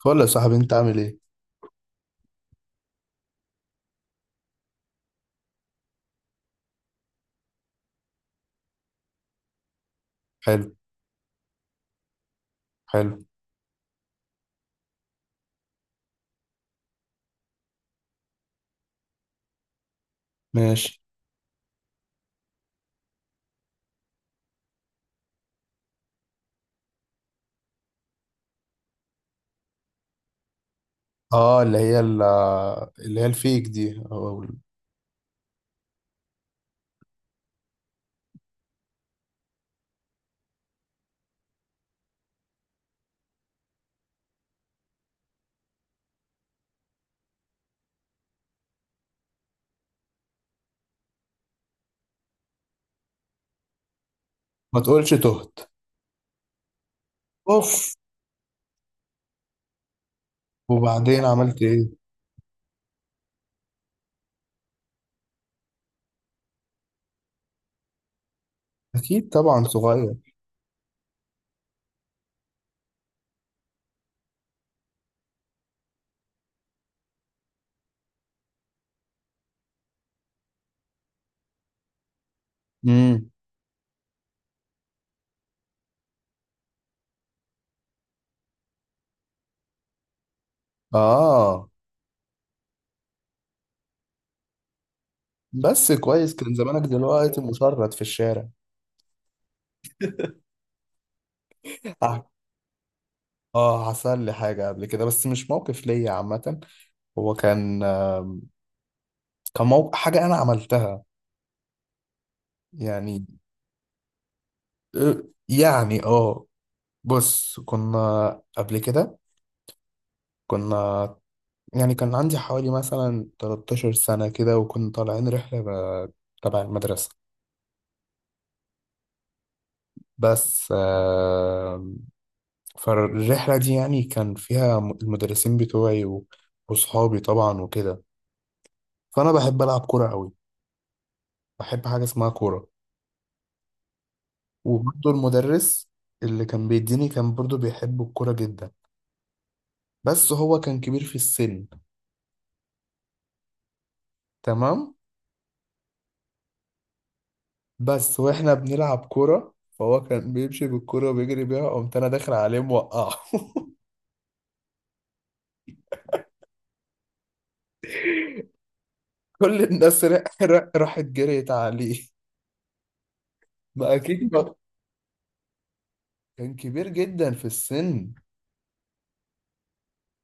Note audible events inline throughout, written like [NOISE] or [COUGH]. قول يا صاحبي، انت عامل ايه؟ حلو. حلو. ماشي. اه، اللي هي الفيك دي أو ال- ما تقولش. تهت. اوف. وبعدين عملت ايه؟ اكيد طبعا، صغير. امم. اه، بس كويس، كان زمانك دلوقتي مشرد في الشارع. اه، حصل لي حاجه قبل كده، بس مش موقف ليا عامه. هو كان آم، كان موقف حاجه انا عملتها. يعني آه، يعني اه، بص. كنا قبل كده، كنا يعني كان عندي حوالي مثلا 13 سنة كده، وكنا طالعين رحلة تبع المدرسة. بس فالرحلة دي يعني كان فيها المدرسين بتوعي وصحابي طبعا وكده. فأنا بحب ألعب كورة أوي، بحب حاجة اسمها كورة. وبرضه المدرس اللي كان بيديني كان برضه بيحب الكورة جدا، بس هو كان كبير في السن. تمام. بس واحنا بنلعب كورة، فهو كان بيمشي بالكورة وبيجري بيها، قمت أنا داخل عليه موقعه [LAUGHS] كل الناس راحت جريت عليه. ما اكيد ما- كان كبير جدا في السن،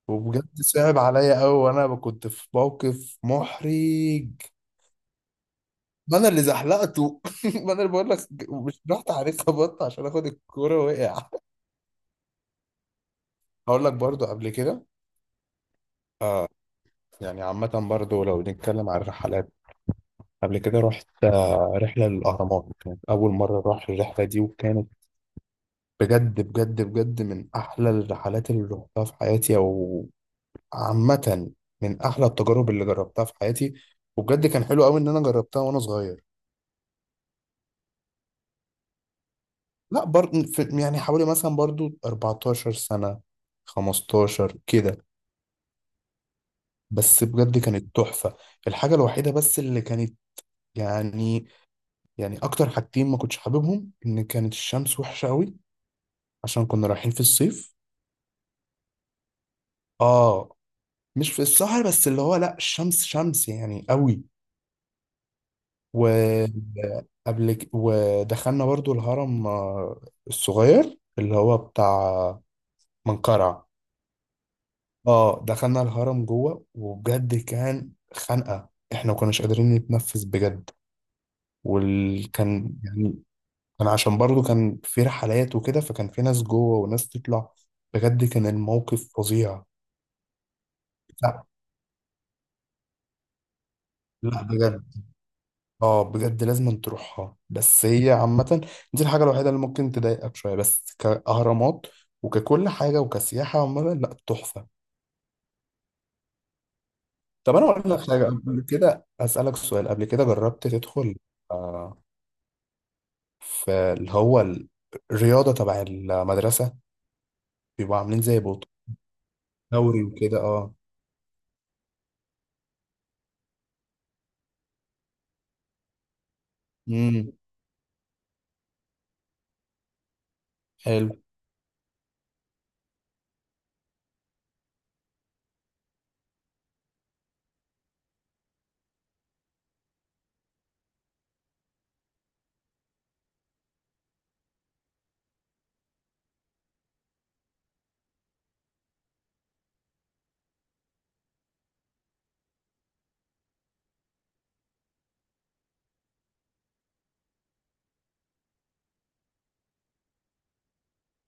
وبجد صعب عليا قوي، وانا كنت في موقف محرج. ما انا اللي زحلقته [LAUGHS] ما انا اللي بقول لك، مش رحت عليه خبطت عشان اخد الكوره، وقع. هقول لك برضو قبل كده، يعني عامة برضو لو نتكلم عن الرحلات. قبل كده رحت رحلة للأهرامات، كانت أول مرة أروح الرحلة دي، وكانت بجد بجد بجد من أحلى الرحلات اللي رحتها في حياتي. عامة من أحلى التجارب اللي جربتها في حياتي، وبجد كان حلو قوي إن أنا جربتها وأنا صغير. لا برضه، يعني حوالي مثلا برضو 14 سنة، 15 كده. بس بجد كانت تحفة. الحاجة الوحيدة بس اللي كانت، يعني يعني أكتر حاجتين ما كنتش حاببهم، إن كانت الشمس وحشة قوي عشان كنا رايحين في الصيف. آه، مش في السهر بس اللي هو، لا، الشمس شمس يعني قوي. ودخلنا برضو الهرم الصغير، اللي هو بتاع منقرع. اه، دخلنا الهرم جوه وبجد كان خنقة، احنا ما كناش قادرين نتنفس بجد. وكان يعني، كان عشان برضو كان في رحلات وكده، فكان في ناس جوه وناس تطلع، بجد كان الموقف فظيع. لا. لا بجد. اه بجد، لازم أن تروحها. بس هي عامة، دي الحاجة الوحيدة اللي ممكن تضايقك شوية، بس كأهرامات وككل حاجة وكسياحة عموما، لا، تحفة. طب أنا أقول لك حاجة، قبل كده أسألك سؤال، قبل كده جربت تدخل آه، في اللي هو الرياضة تبع المدرسة؟ بيبقوا عاملين زي بطولة، دوري وكده، اه. امم. حلو.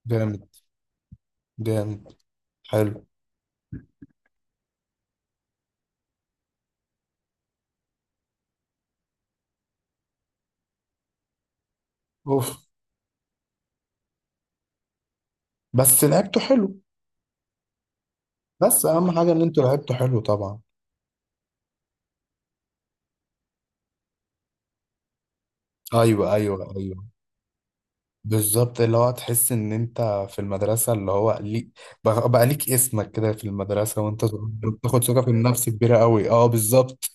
جامد. جامد. حلو. اوف. بس لعبته حلو. بس أهم حاجة إن أنتوا لعبتوا حلو طبعا. ايوه ايوه ايوه، بالظبط، اللي هو تحس ان انت في المدرسه، اللي هو ليك بقى ليك اسمك كده في المدرسه، وانت صغير بتاخد ثقه في النفس كبيره قوي، اه بالظبط.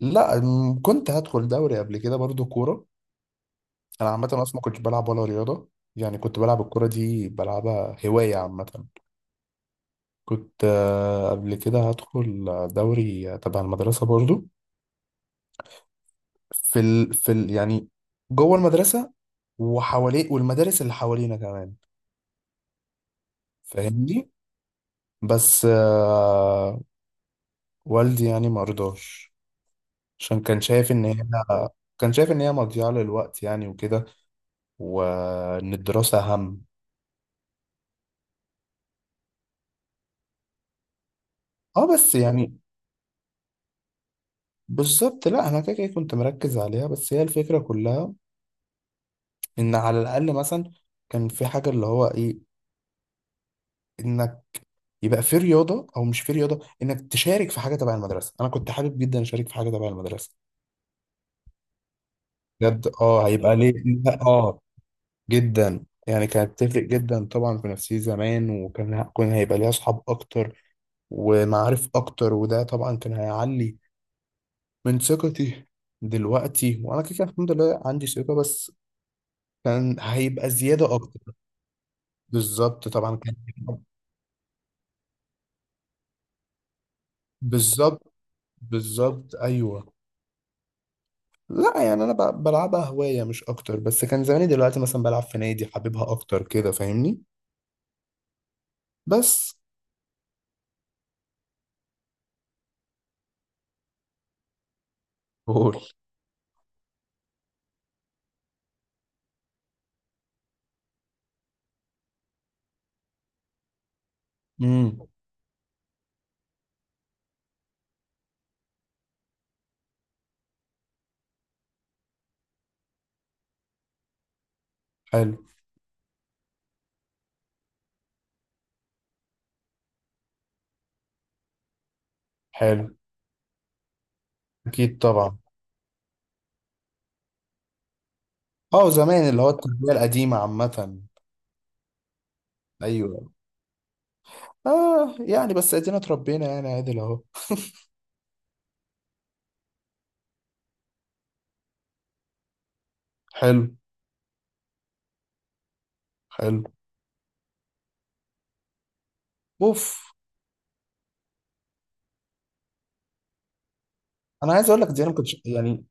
لا، كنت هدخل دوري قبل كده برضو كوره. انا عامه اصلا ما كنتش بلعب ولا رياضه، يعني كنت بلعب الكوره دي، بلعبها هوايه عامه. كنت قبل كده هدخل دوري تبع المدرسه برضو، يعني جوه المدرسه وحواليه، والمدارس اللي حوالينا كمان، فاهمني. بس والدي يعني ما رضاش، عشان كان شايف ان هي، كان شايف ان هي مضيعة للوقت يعني وكده، وان الدراسة اهم. اه بس يعني، بالظبط، لا، انا كده كده كنت مركز عليها، بس هي الفكرة كلها ان على الاقل مثلا كان في حاجة، اللي هو ايه، انك، يبقى في رياضة او مش في رياضة، انك تشارك في حاجة تبع المدرسة. انا كنت حابب جدا اشارك في حاجة تبع المدرسة. بجد اه، هيبقى ليه لا، اه. جدا، يعني كانت تفرق جدا طبعا في نفسيتي زمان، وكان هيبقى ليها اصحاب اكتر ومعارف اكتر، وده طبعا كان هيعلي من ثقتي. دلوقتي وانا كده كده الحمد لله عندي ثقة، بس كان هيبقى زيادة اكتر. بالظبط طبعا كان. بالظبط، بالظبط، ايوه. لا، يعني انا بلعبها هواية مش اكتر، بس كان زماني دلوقتي مثلا بلعب في نادي، حاببها اكتر كده، فاهمني. بس. قول. امم. حلو. حلو. اكيد طبعا. اه زمان، اللي هو التربية القديمة عامة. ايوه. اه يعني، بس ادينا اتربينا يعني عادل اهو. حلو. حلو. اوف. انا عايز اقول لك دي، انا ما كنتش يعني.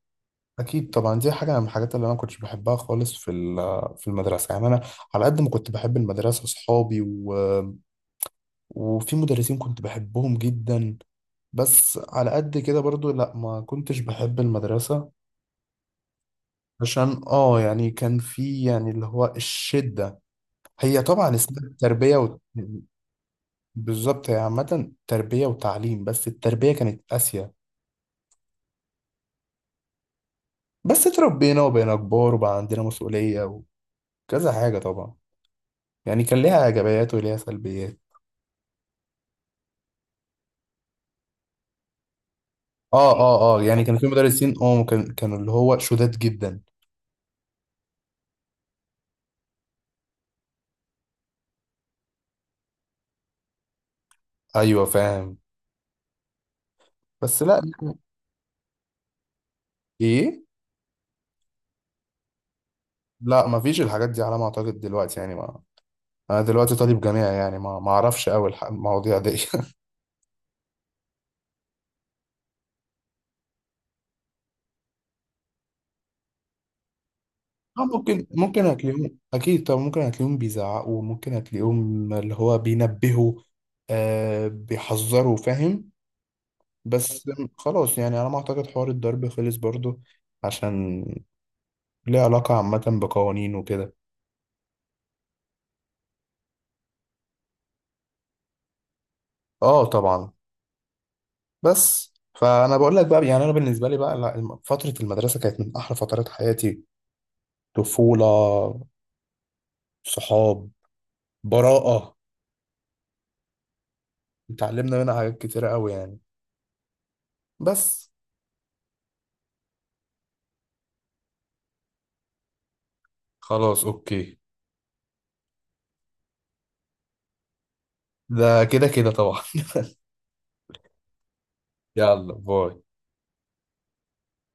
اكيد طبعا، دي حاجه من الحاجات اللي انا ما كنتش بحبها خالص في المدرسه، يعني انا على قد ما كنت بحب المدرسه، اصحابي، وفي مدرسين كنت بحبهم جدا، بس على قد كده برضو، لا، ما كنتش بحب المدرسه. عشان اه يعني، كان في يعني، اللي هو الشده، هي طبعا اسمها تربيه. بالظبط، هي عامة تربية وتعليم، بس التربية كانت قاسية. بس اتربينا وبقينا كبار، وبقى عندنا مسؤولية وكذا حاجة طبعا. يعني كان ليها إيجابيات وليها سلبيات. اه اه اه، يعني كان في مدرسين، اه كانوا اللي هو شداد جدا. ايوه فاهم. بس، لا، ايه، لا، ما فيش الحاجات دي على ما اعتقد دلوقتي، يعني ما، انا دلوقتي طالب جامعي، يعني ما اعرفش قوي المواضيع دي [LAUGHS] آه، ممكن ممكن هتلاقيهم اكيد، طب ممكن هتلاقيهم بيزعقوا، ممكن هتلاقيهم اللي هو بينبهوا، آه بيحذروا، فاهم. بس خلاص، يعني انا ما اعتقد حوار الضرب خلص برضو، عشان ليه علاقة عامة بقوانين وكده. اه طبعا. بس فانا بقول لك بقى، يعني انا بالنسبة لي بقى، لا، فترة المدرسة كانت من احلى فترات حياتي. طفولة، صحاب، براءة، اتعلمنا منها حاجات كتيرة قوي يعني. بس خلاص، اوكي. ده كده كده طبعا. [LAUGHS] يلا باي.